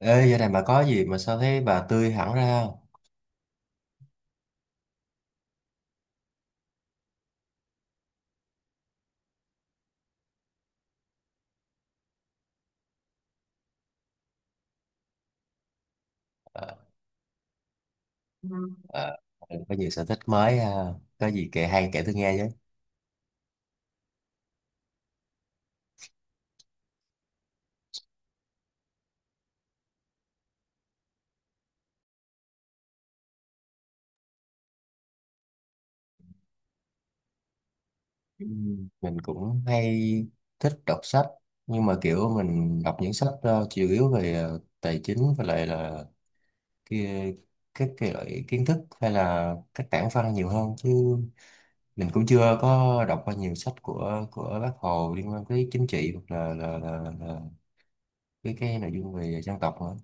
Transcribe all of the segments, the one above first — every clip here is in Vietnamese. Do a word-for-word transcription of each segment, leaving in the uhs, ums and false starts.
Ê, giờ này bà có gì mà sao thấy bà tươi hẳn ra không? Ờ. Ừ. ờ, có nhiều sở thích mới ha. Có gì kể hay kể tôi nghe chứ. Ừ, mình cũng hay thích đọc sách nhưng mà kiểu mình đọc những sách ờ, chủ yếu về ờ, tài chính và lại là cái, các cái loại kiến thức hay là các tảng văn nhiều hơn chứ mình cũng chưa có đọc qua nhiều sách của của Bác Hồ liên quan tới chính trị hoặc là là, là, là cái cái nội dung về dân tộc nữa.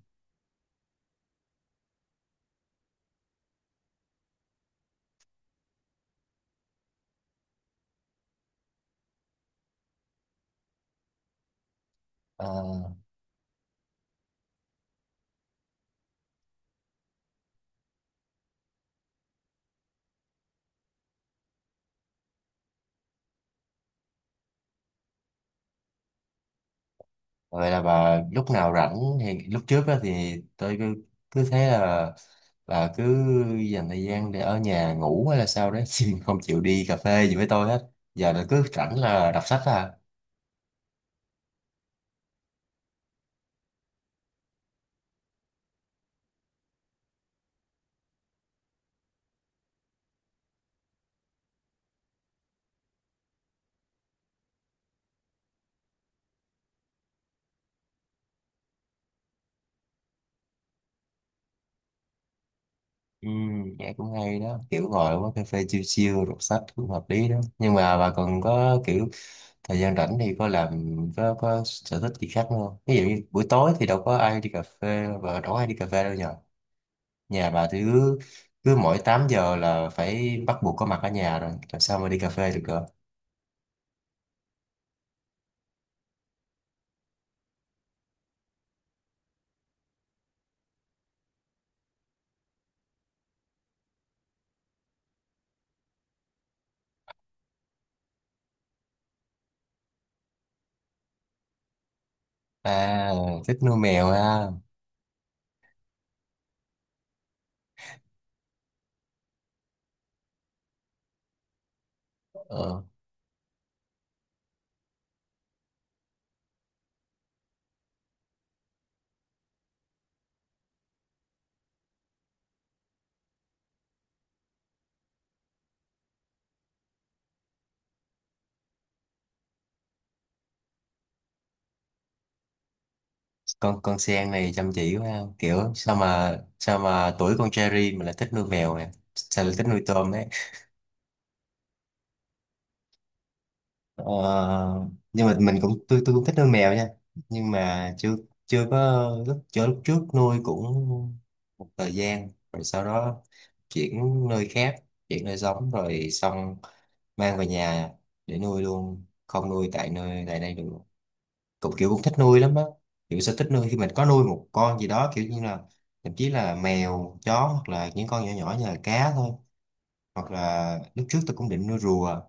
Ờ, Vậy là bà lúc nào rảnh thì lúc trước á thì tôi cứ cứ thấy là bà cứ dành thời gian để ở nhà ngủ hay là sao đấy chứ không chịu đi cà phê gì với tôi hết. Giờ là cứ rảnh là đọc sách à? Ừ, nghe cũng hay đó, kiểu ngồi uống cà phê chill chill đọc sách cũng hợp lý đó, nhưng mà bà còn có kiểu thời gian rảnh thì có làm có có sở thích gì khác nữa không? Ví dụ như buổi tối thì đâu có ai đi cà phê và đâu có ai đi cà phê đâu nhỉ. Nhà bà thì cứ cứ mỗi tám giờ là phải bắt buộc có mặt ở nhà rồi làm sao mà đi cà phê được cơ. À, thích nuôi mèo ha. ờ, con con Sen này chăm chỉ quá ha. Kiểu sao mà sao mà tuổi con Cherry mà lại thích nuôi mèo nè, sao lại thích nuôi tôm đấy. ờ, nhưng mà mình cũng tôi tôi cũng thích nuôi mèo nha. Nhưng mà chưa chưa có lúc, chưa, lúc trước nuôi cũng một thời gian rồi sau đó chuyển nơi khác chuyển nơi sống, rồi xong mang về nhà để nuôi luôn, không nuôi tại nơi tại đây được. Cũng kiểu cũng thích nuôi lắm á. Kiểu sẽ thích nuôi khi mình có nuôi một con gì đó, kiểu như là thậm chí là mèo chó hoặc là những con nhỏ nhỏ như là cá thôi. Hoặc là lúc trước tôi cũng định nuôi rùa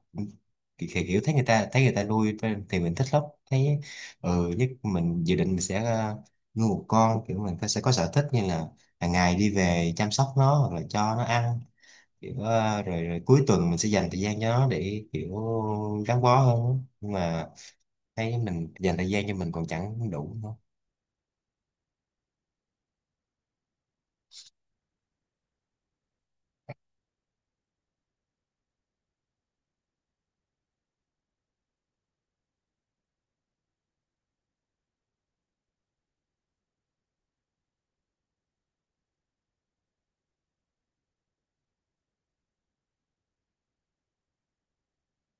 thì, thì kiểu thấy người ta thấy người ta nuôi thì mình thích lắm thấy. Ừ, nhất mình dự định mình sẽ ờ, nuôi một con, kiểu mình sẽ có sở thích như là hàng ngày đi về chăm sóc nó hoặc là cho nó ăn, kiểu à, rồi, rồi cuối tuần mình sẽ dành thời gian cho nó để kiểu gắn bó hơn á. Nhưng mà thấy mình dành thời gian cho mình còn chẳng đủ đâu.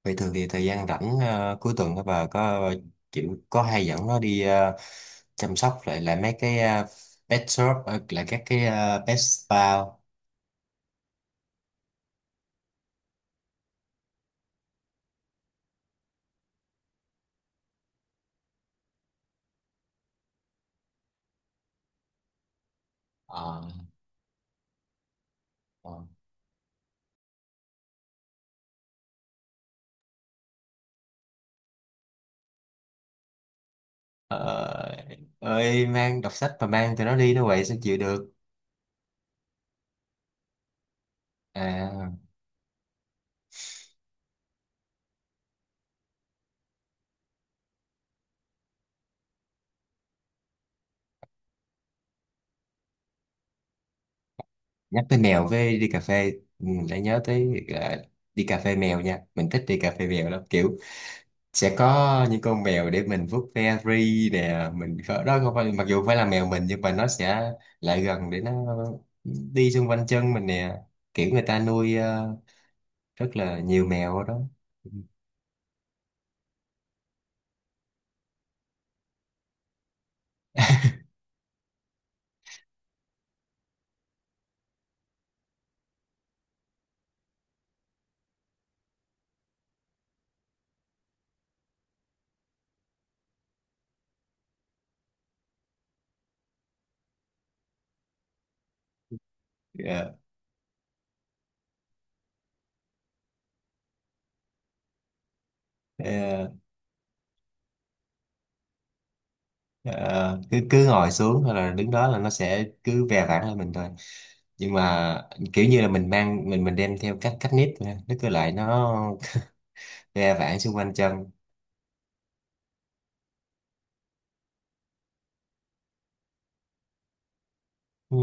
Vậy thường thì thời gian rảnh à, cuối tuần đó bà có chịu có hay dẫn nó đi à, chăm sóc lại là mấy cái à, pet shop, ờ, là các cái à, pet spa không? Ờ. Ờ. Ờ, ơi, mang đọc sách mà mang tụi nó đi nó vậy sao chịu được. À, nhắc tới mèo với đi cà phê ừ, lại nhớ tới ờ, đi cà phê mèo nha. Mình thích đi cà phê mèo lắm, kiểu sẽ có những con mèo để mình vuốt ve ri nè, mình có- đó không phải mặc dù không phải là mèo mình nhưng mà nó sẽ lại gần để nó đi xung quanh chân mình nè. Kiểu người ta nuôi ờ, rất là nhiều mèo ở đó. Ừ. Ờ, ờ, ờ, cứ cứ ngồi xuống hay là đứng đó là nó sẽ cứ ve vãn lên mình thôi. Nhưng mà kiểu như là mình mang mình mình đem theo cách cách nếp thôi. Nó cứ lại nó ra vãng xung quanh chân. Ừ.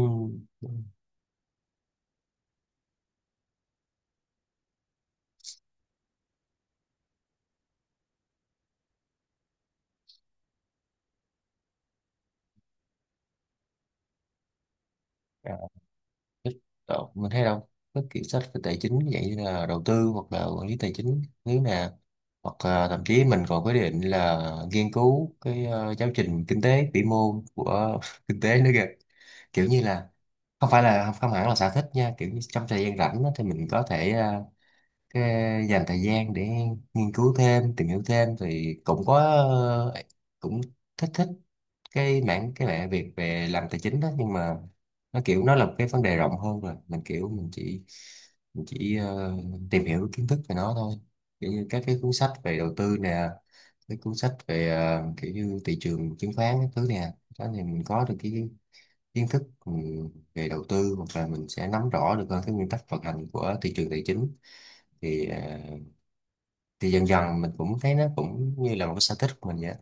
À, thích đọc- mình thấy đâu các kỳ sách về tài chính vậy, như là đầu tư hoặc là quản lý tài chính nếu nè, hoặc là thậm chí mình còn quyết định là nghiên cứu cái ờ, giáo trình kinh tế vĩ mô của kinh tế nữa kìa. Kiểu như là không phải là không hẳn là sở thích nha, kiểu như trong thời gian rảnh á, thì mình có thể ờ, cái dành thời gian để nghiên cứu thêm tìm hiểu thêm thì cũng có, ờ, cũng thích thích cái mảng cái mảng việc về làm tài chính đó. Nhưng mà nó kiểu nó là một cái vấn đề rộng hơn rồi, mình kiểu mình chỉ mình chỉ ờ, tìm hiểu kiến thức về nó thôi, kiểu như các cái cuốn sách về đầu tư nè, cái cuốn sách về ờ, kiểu như thị trường chứng khoán các thứ nè. Đó thì mình có được cái kiến thức, ừ, về đầu tư, hoặc là mình sẽ nắm rõ được hơn cái nguyên tắc vận hành của thị trường tài chính, thì ờ, thì dần dần mình cũng thấy nó cũng như là một cái sở thích của mình vậy á.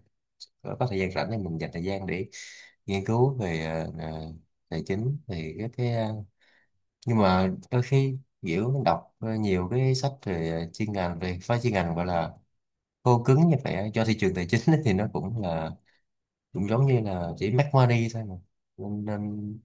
có, có thời gian rảnh thì mình dành thời gian để nghiên cứu về ờ, ờ, tài chính thì cái, cái ờ, nhưng mà đôi khi kiểu mình đọc ờ, nhiều cái sách về ờ, chuyên ngành về phá chuyên ngành gọi là khô cứng như vậy á, cho thị trường tài chính ấy thì nó cũng là cũng giống như là chỉ make money thôi mà, nên, nên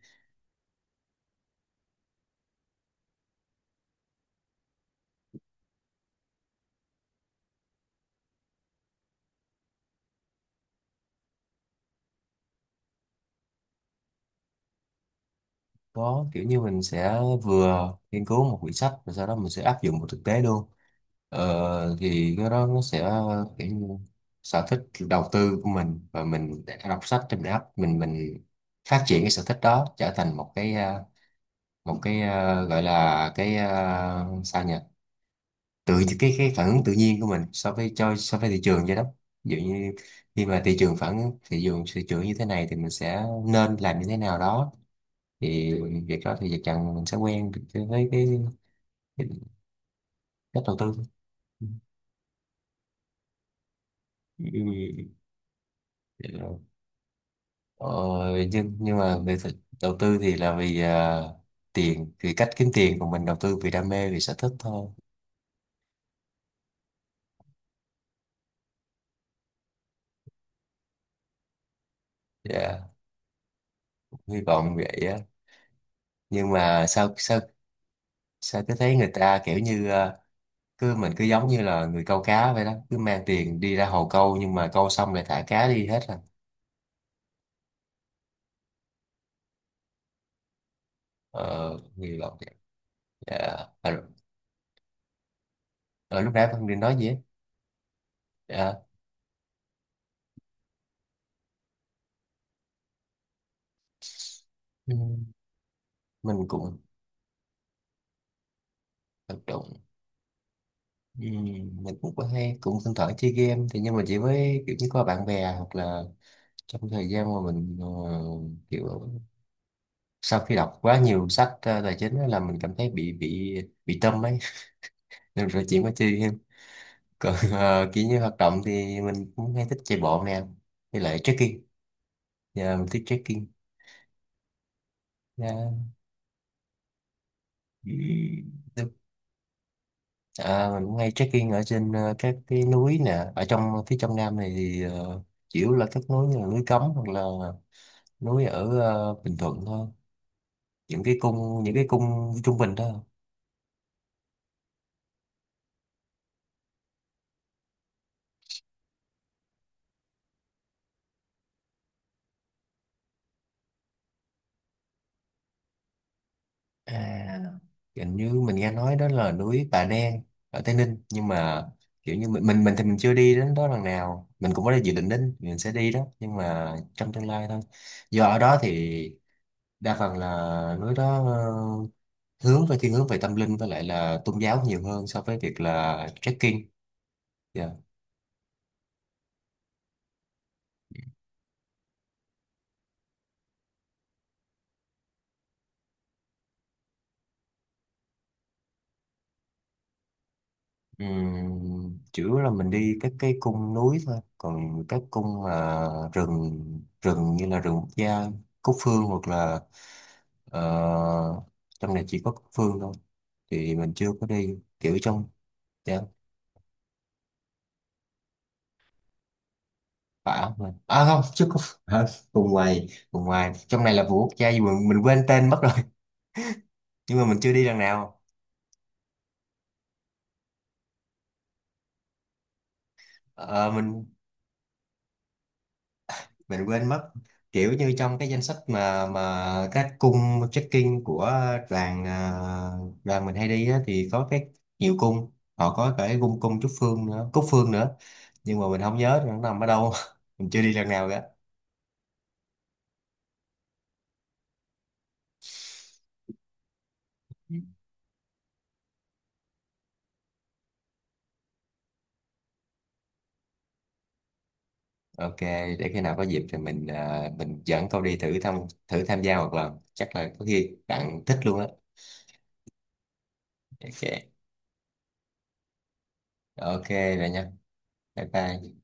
có kiểu như mình sẽ vừa nghiên cứu một quyển sách rồi sau đó mình sẽ áp dụng vào thực tế luôn. Ờ, thì cái đó nó sẽ kiểu như sở thích đầu tư của mình, và mình đã đọc sách thì mình áp mình mình phát triển cái sở thích đó trở thành một cái à, một cái à, gọi là cái à, sao nhỉ, tự cái cái phản ứng tự nhiên của mình so với cho so với thị trường vậy đó. Ví dụ như khi mà thị trường, phản thị trường thị trường như thế này thì mình sẽ nên làm như thế nào đó, thì việc đó thì chắc chắn mình sẽ quen với cái cái cái cách đầu tư. Ừ. Dạ. ờ, nhưng nhưng mà về thực- đầu tư thì là vì à, tiền, vì cách kiếm tiền của mình, đầu tư vì đam mê vì sở thích thôi. Dạ, hy vọng vậy á. Nhưng mà sao sao sao cứ thấy người ta kiểu như à, cứ mình cứ giống như là người câu cá vậy đó, cứ mang tiền đi ra hồ câu nhưng mà câu xong lại thả cá đi hết à. Ờ, hy vọng vậy. Dạ. À, rồi. Ờ, lúc nãy Phương định nói gì á? Dạ. Ừ. mình cũng hoạt động Ừm, mình cũng có hay cũng thỉnh thoảng chơi game thì, nhưng mà chỉ với kiểu như có bạn bè hoặc là trong thời gian mà mình ờ, kiểu sau khi đọc quá nhiều sách ờ, tài chính á là mình cảm thấy bị bị bị tâm ấy nên rồi chuyển qua chơi game. Còn ờ, kiểu như hoạt động thì mình cũng hay thích chạy bộ nè, với lại trekking. Giờ mình thích trekking. Yeah. À, mình cũng hay trekking ở trên ờ, các cái núi nè ở trong phía trong Nam này thì ờ, chủ yếu là các núi như là núi Cấm hoặc là núi ở ờ, Bình Thuận thôi, những cái cung những cái cung trung bình thôi. À, hình như mình nghe nói đó là núi Bà Đen ở Tây Ninh. Nhưng mà kiểu như mình mình mình thì mình chưa đi đến đó lần nào, mình cũng có dự định đến, mình sẽ đi đó nhưng mà trong tương lai thôi, do ở đó thì đa phần là núi đó ờ, hướng về thiên hướng về tâm linh với lại là tôn giáo nhiều hơn so với việc là trekking. Yeah. Ừm, chủ yếu là mình đi các cái cung núi thôi, còn các cung mà rừng rừng như là rừng quốc gia Cúc Phương, hoặc là ờ, trong này chỉ có Cúc Phương thôi, thì mình chưa có đi kiểu trong. Yeah. À, à không chứ có à, vùng ngoài vùng ngoài trong này là vườn quốc gia gì, mình, mình quên tên mất rồi. Nhưng mà mình chưa đi lần nào. Ờ, mình mình quên mất, kiểu như trong cái danh sách mà mà các cung trekking của đoàn à, đoàn mình hay đi á, thì có cái nhiều cung họ có cả cái cung cung Trúc Phương nữa, Cúc Phương nữa, nhưng mà mình không nhớ nó nằm ở đâu. Mình chưa đi lần nào cả. Ok, để khi nào có dịp thì mình à, mình dẫn cậu đi thử thăm, thử tham gia một lần chắc là có khi bạn thích luôn á. Ok. Ok, rồi nha. Bye bye.